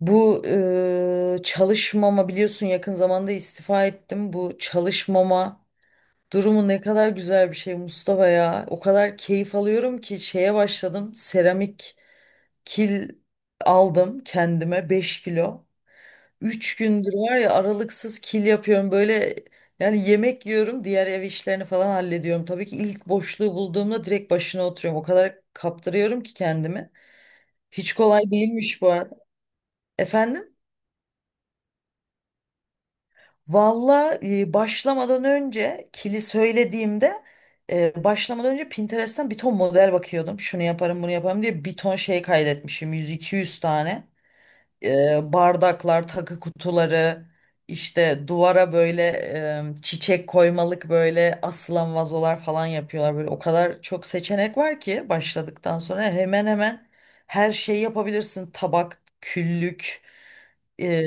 Bu çalışmama biliyorsun yakın zamanda istifa ettim. Bu çalışmama durumu ne kadar güzel bir şey Mustafa ya. O kadar keyif alıyorum ki şeye başladım. Seramik kil aldım kendime 5 kilo. 3 gündür var ya aralıksız kil yapıyorum böyle yani yemek yiyorum, diğer ev işlerini falan hallediyorum. Tabii ki ilk boşluğu bulduğumda direkt başına oturuyorum. O kadar kaptırıyorum ki kendimi. Hiç kolay değilmiş bu arada. Efendim? Valla başlamadan önce kili söylediğimde başlamadan önce Pinterest'ten bir ton model bakıyordum. Şunu yaparım bunu yaparım diye bir ton şey kaydetmişim. 100-200 tane. Bardaklar, takı kutuları, işte duvara böyle çiçek koymalık böyle asılan vazolar falan yapıyorlar. Böyle o kadar çok seçenek var ki başladıktan sonra hemen hemen her şeyi yapabilirsin. Tabak, küllük. e,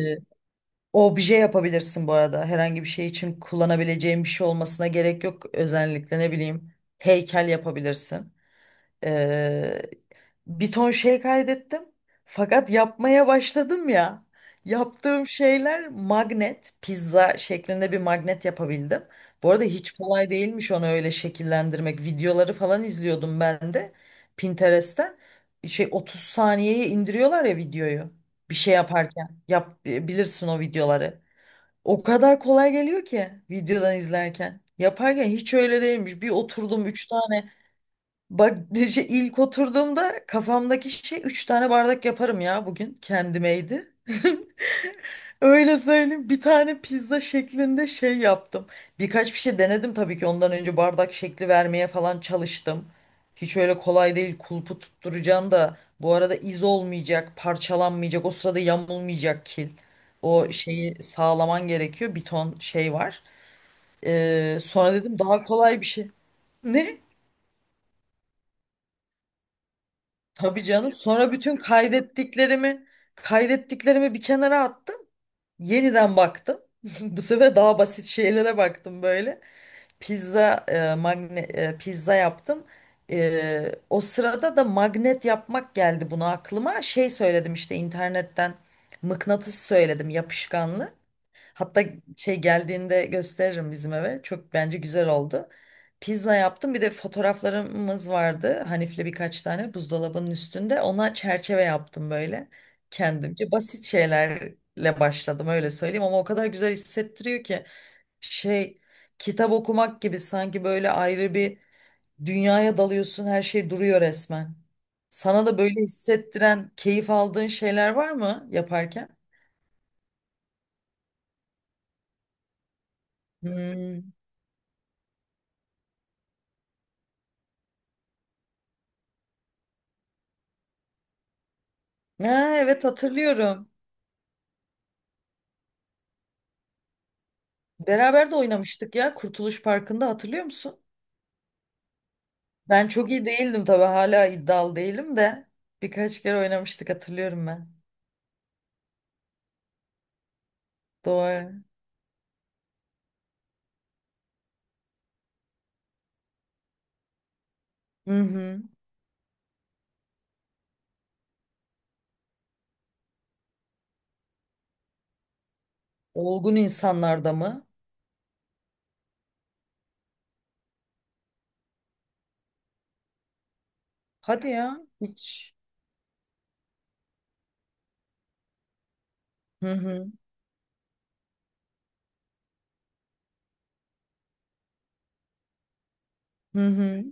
Obje yapabilirsin bu arada. Herhangi bir şey için kullanabileceğin bir şey olmasına gerek yok. Özellikle ne bileyim heykel yapabilirsin. Ee, Bir ton şey kaydettim. Fakat yapmaya başladım ya. Yaptığım şeyler magnet, pizza şeklinde bir magnet yapabildim. Bu arada hiç kolay değilmiş onu öyle şekillendirmek. Videoları falan izliyordum ben de Pinterest'ten. Şey 30 saniyeye indiriyorlar ya videoyu. Bir şey yaparken yap bilirsin o videoları. O kadar kolay geliyor ki videodan izlerken. Yaparken hiç öyle değilmiş. Bir oturdum 3 tane. Bak işte ilk oturduğumda kafamdaki şey 3 tane bardak yaparım ya bugün. Kendimeydi. Öyle söyleyeyim. Bir tane pizza şeklinde şey yaptım. Birkaç bir şey denedim tabii ki. Ondan önce bardak şekli vermeye falan çalıştım. Hiç öyle kolay değil. Kulpu tutturacaksın da bu arada iz olmayacak, parçalanmayacak, o sırada yamulmayacak kil. O şeyi sağlaman gerekiyor. Bir ton şey var. Sonra dedim daha kolay bir şey. Ne? Tabii canım. Sonra bütün kaydettiklerimi bir kenara attım. Yeniden baktım. Bu sefer daha basit şeylere baktım böyle. Pizza yaptım. O sırada da magnet yapmak geldi buna aklıma. Şey söyledim işte internetten mıknatıs söyledim yapışkanlı. Hatta şey geldiğinde gösteririm bizim eve. Çok bence güzel oldu. Pizza yaptım. Bir de fotoğraflarımız vardı. Hanif'le birkaç tane buzdolabının üstünde. Ona çerçeve yaptım böyle kendimce. Basit şeylerle başladım öyle söyleyeyim, ama o kadar güzel hissettiriyor ki şey, kitap okumak gibi sanki, böyle ayrı bir dünyaya dalıyorsun, her şey duruyor resmen. Sana da böyle hissettiren, keyif aldığın şeyler var mı yaparken? Hmm. Ha, evet, hatırlıyorum. Beraber de oynamıştık ya Kurtuluş Parkı'nda, hatırlıyor musun? Ben çok iyi değildim tabii, hala iddialı değilim de birkaç kere oynamıştık, hatırlıyorum ben. Doğru. Hı hı. Olgun insanlarda mı? Hadi ya, hiç. Hı hı. Hı hı.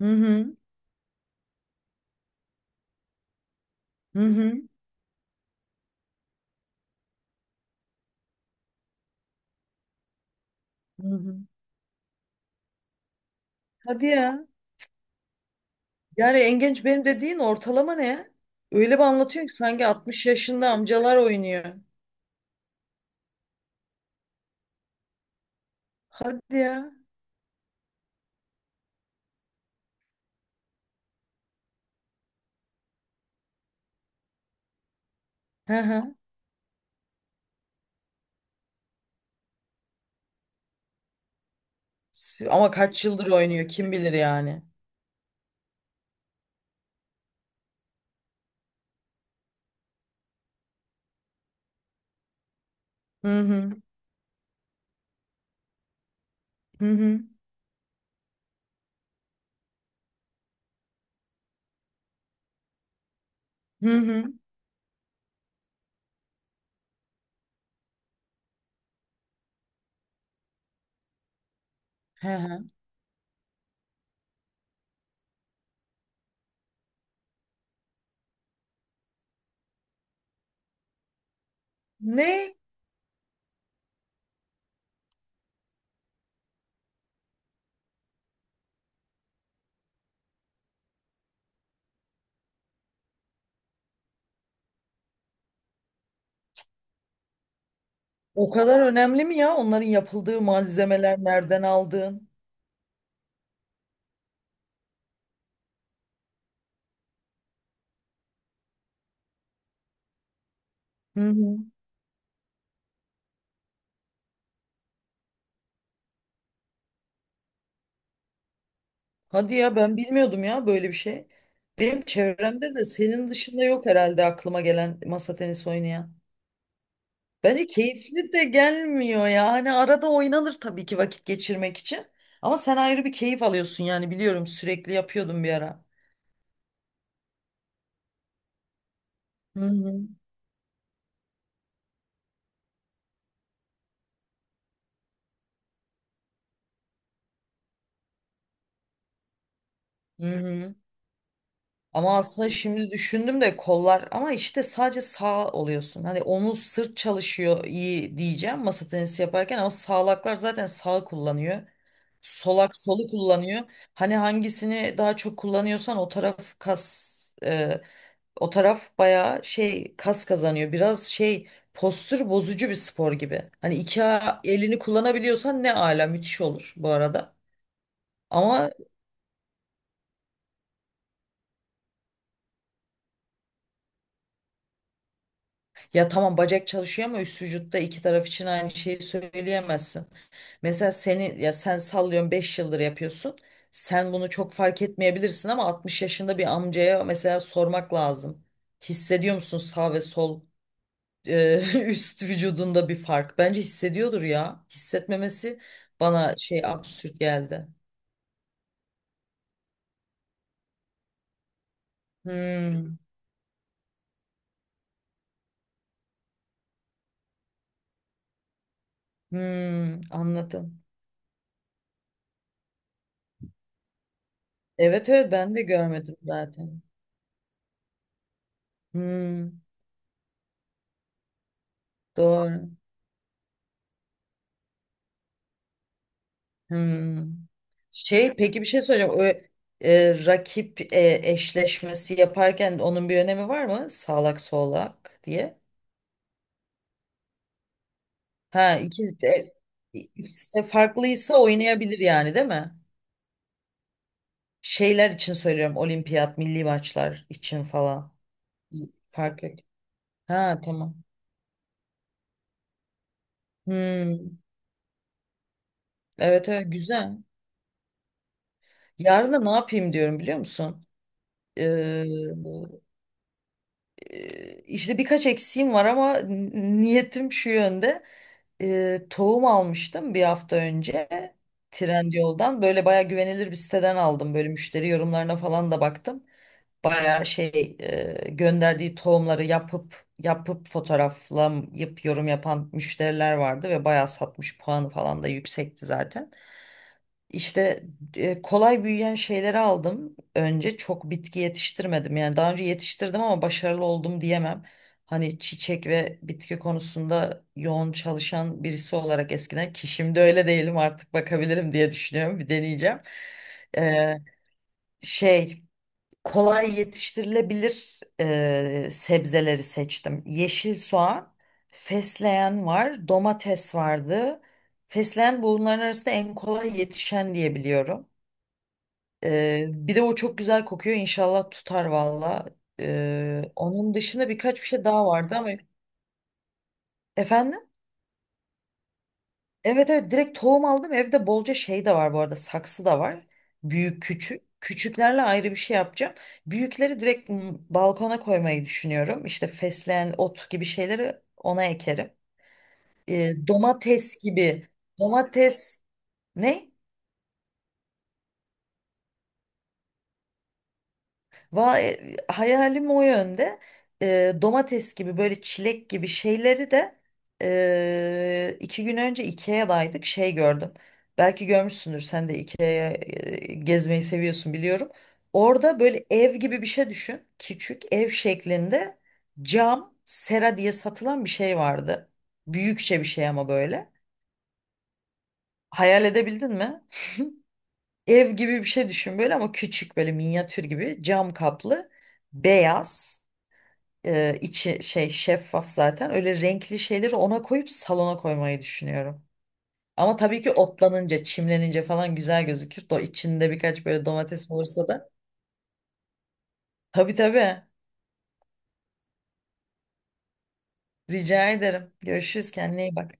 Hı hı. Hı hı. Hı hı. Hadi ya. Yani en genç benim dediğin ortalama ne ya? Öyle bir anlatıyorsun ki sanki 60 yaşında amcalar oynuyor. Hadi ya. Hı hı. Ama kaç yıldır oynuyor kim bilir yani. Hı hı. Hı hı. Hı hı. Hı hı. Ne? O kadar önemli mi ya, onların yapıldığı malzemeler, nereden aldığın? Hı hı. Hadi ya, ben bilmiyordum ya böyle bir şey. Benim çevremde de senin dışında yok herhalde aklıma gelen masa tenisi oynayan. Bence keyifli de gelmiyor ya. Hani arada oynanır tabii ki vakit geçirmek için. Ama sen ayrı bir keyif alıyorsun yani, biliyorum sürekli yapıyordum bir ara. Hı hı. Hı hı. Ama aslında şimdi düşündüm de kollar, ama işte sadece sağ oluyorsun. Hani omuz sırt çalışıyor iyi diyeceğim masa tenisi yaparken, ama sağlaklar zaten sağ kullanıyor. Solak solu kullanıyor. Hani hangisini daha çok kullanıyorsan o taraf kas, e, o taraf bayağı şey kas kazanıyor. Biraz şey, postür bozucu bir spor gibi. Hani iki elini kullanabiliyorsan ne ala, müthiş olur bu arada. Ama, ya tamam bacak çalışıyor, ama üst vücutta iki taraf için aynı şeyi söyleyemezsin. Mesela seni, ya sen sallıyorsun, 5 yıldır yapıyorsun. Sen bunu çok fark etmeyebilirsin, ama 60 yaşında bir amcaya mesela sormak lazım. Hissediyor musun sağ ve sol e, üst vücudunda bir fark. Bence hissediyordur ya. Hissetmemesi bana şey, absürt geldi. Hmm, hmm, anladım. Evet, evet, ben de görmedim zaten. Hmm, doğru. Hmm. Şey, peki bir şey soracağım. O, rakip eşleşmesi yaparken onun bir önemi var mı? Sağlak solak diye. Ha, ikisi de farklıysa oynayabilir yani, değil mi? Şeyler için söylüyorum. Olimpiyat, milli maçlar için falan. Fark yok. Ha, tamam. Hmm. Evet, evet, güzel. Yarın da ne yapayım diyorum, biliyor musun? Ee, e, işte birkaç eksiğim var, ama niyetim şu yönde. Tohum almıştım bir hafta önce Trendyol'dan. Böyle baya güvenilir bir siteden aldım. Böyle müşteri yorumlarına falan da baktım. Bayağı şey, gönderdiği tohumları yapıp yapıp fotoğraflayıp yorum yapan müşteriler vardı ve bayağı satmış, puanı falan da yüksekti zaten. İşte kolay büyüyen şeyleri aldım. Önce çok bitki yetiştirmedim. Yani daha önce yetiştirdim ama başarılı oldum diyemem. Hani çiçek ve bitki konusunda yoğun çalışan birisi olarak eskiden, ki şimdi öyle değilim, artık bakabilirim diye düşünüyorum. Bir deneyeceğim. Ee, Şey, kolay yetiştirilebilir sebzeleri seçtim. Yeşil soğan, fesleğen var, domates vardı. Fesleğen bunların arasında en kolay yetişen diye biliyorum. Bir de o çok güzel kokuyor. İnşallah tutar valla. Onun dışında birkaç bir şey daha vardı ama, efendim? Evet, evet, direkt tohum aldım. Evde bolca şey de var bu arada. Saksı da var. Büyük küçük. Küçüklerle ayrı bir şey yapacağım. Büyükleri direkt balkona koymayı düşünüyorum. İşte fesleğen, ot gibi şeyleri ona ekerim. Domates gibi. Domates, ne? Vay, hayalim o yönde. Domates gibi, böyle çilek gibi şeyleri de 2 gün önce IKEA'daydık, şey gördüm. Belki görmüşsündür sen de, IKEA'ya gezmeyi seviyorsun biliyorum. Orada böyle ev gibi bir şey düşün. Küçük ev şeklinde cam sera diye satılan bir şey vardı. Büyükçe bir şey ama, böyle. Hayal edebildin mi? Ev gibi bir şey düşün, böyle ama küçük, böyle minyatür gibi, cam kaplı, beyaz. İçi şey, şeffaf zaten. Öyle renkli şeyleri ona koyup salona koymayı düşünüyorum. Ama tabii ki otlanınca, çimlenince falan güzel gözükür. Da içinde birkaç böyle domates olursa da. Tabii, tabii. Rica ederim. Görüşürüz. Kendine iyi bak.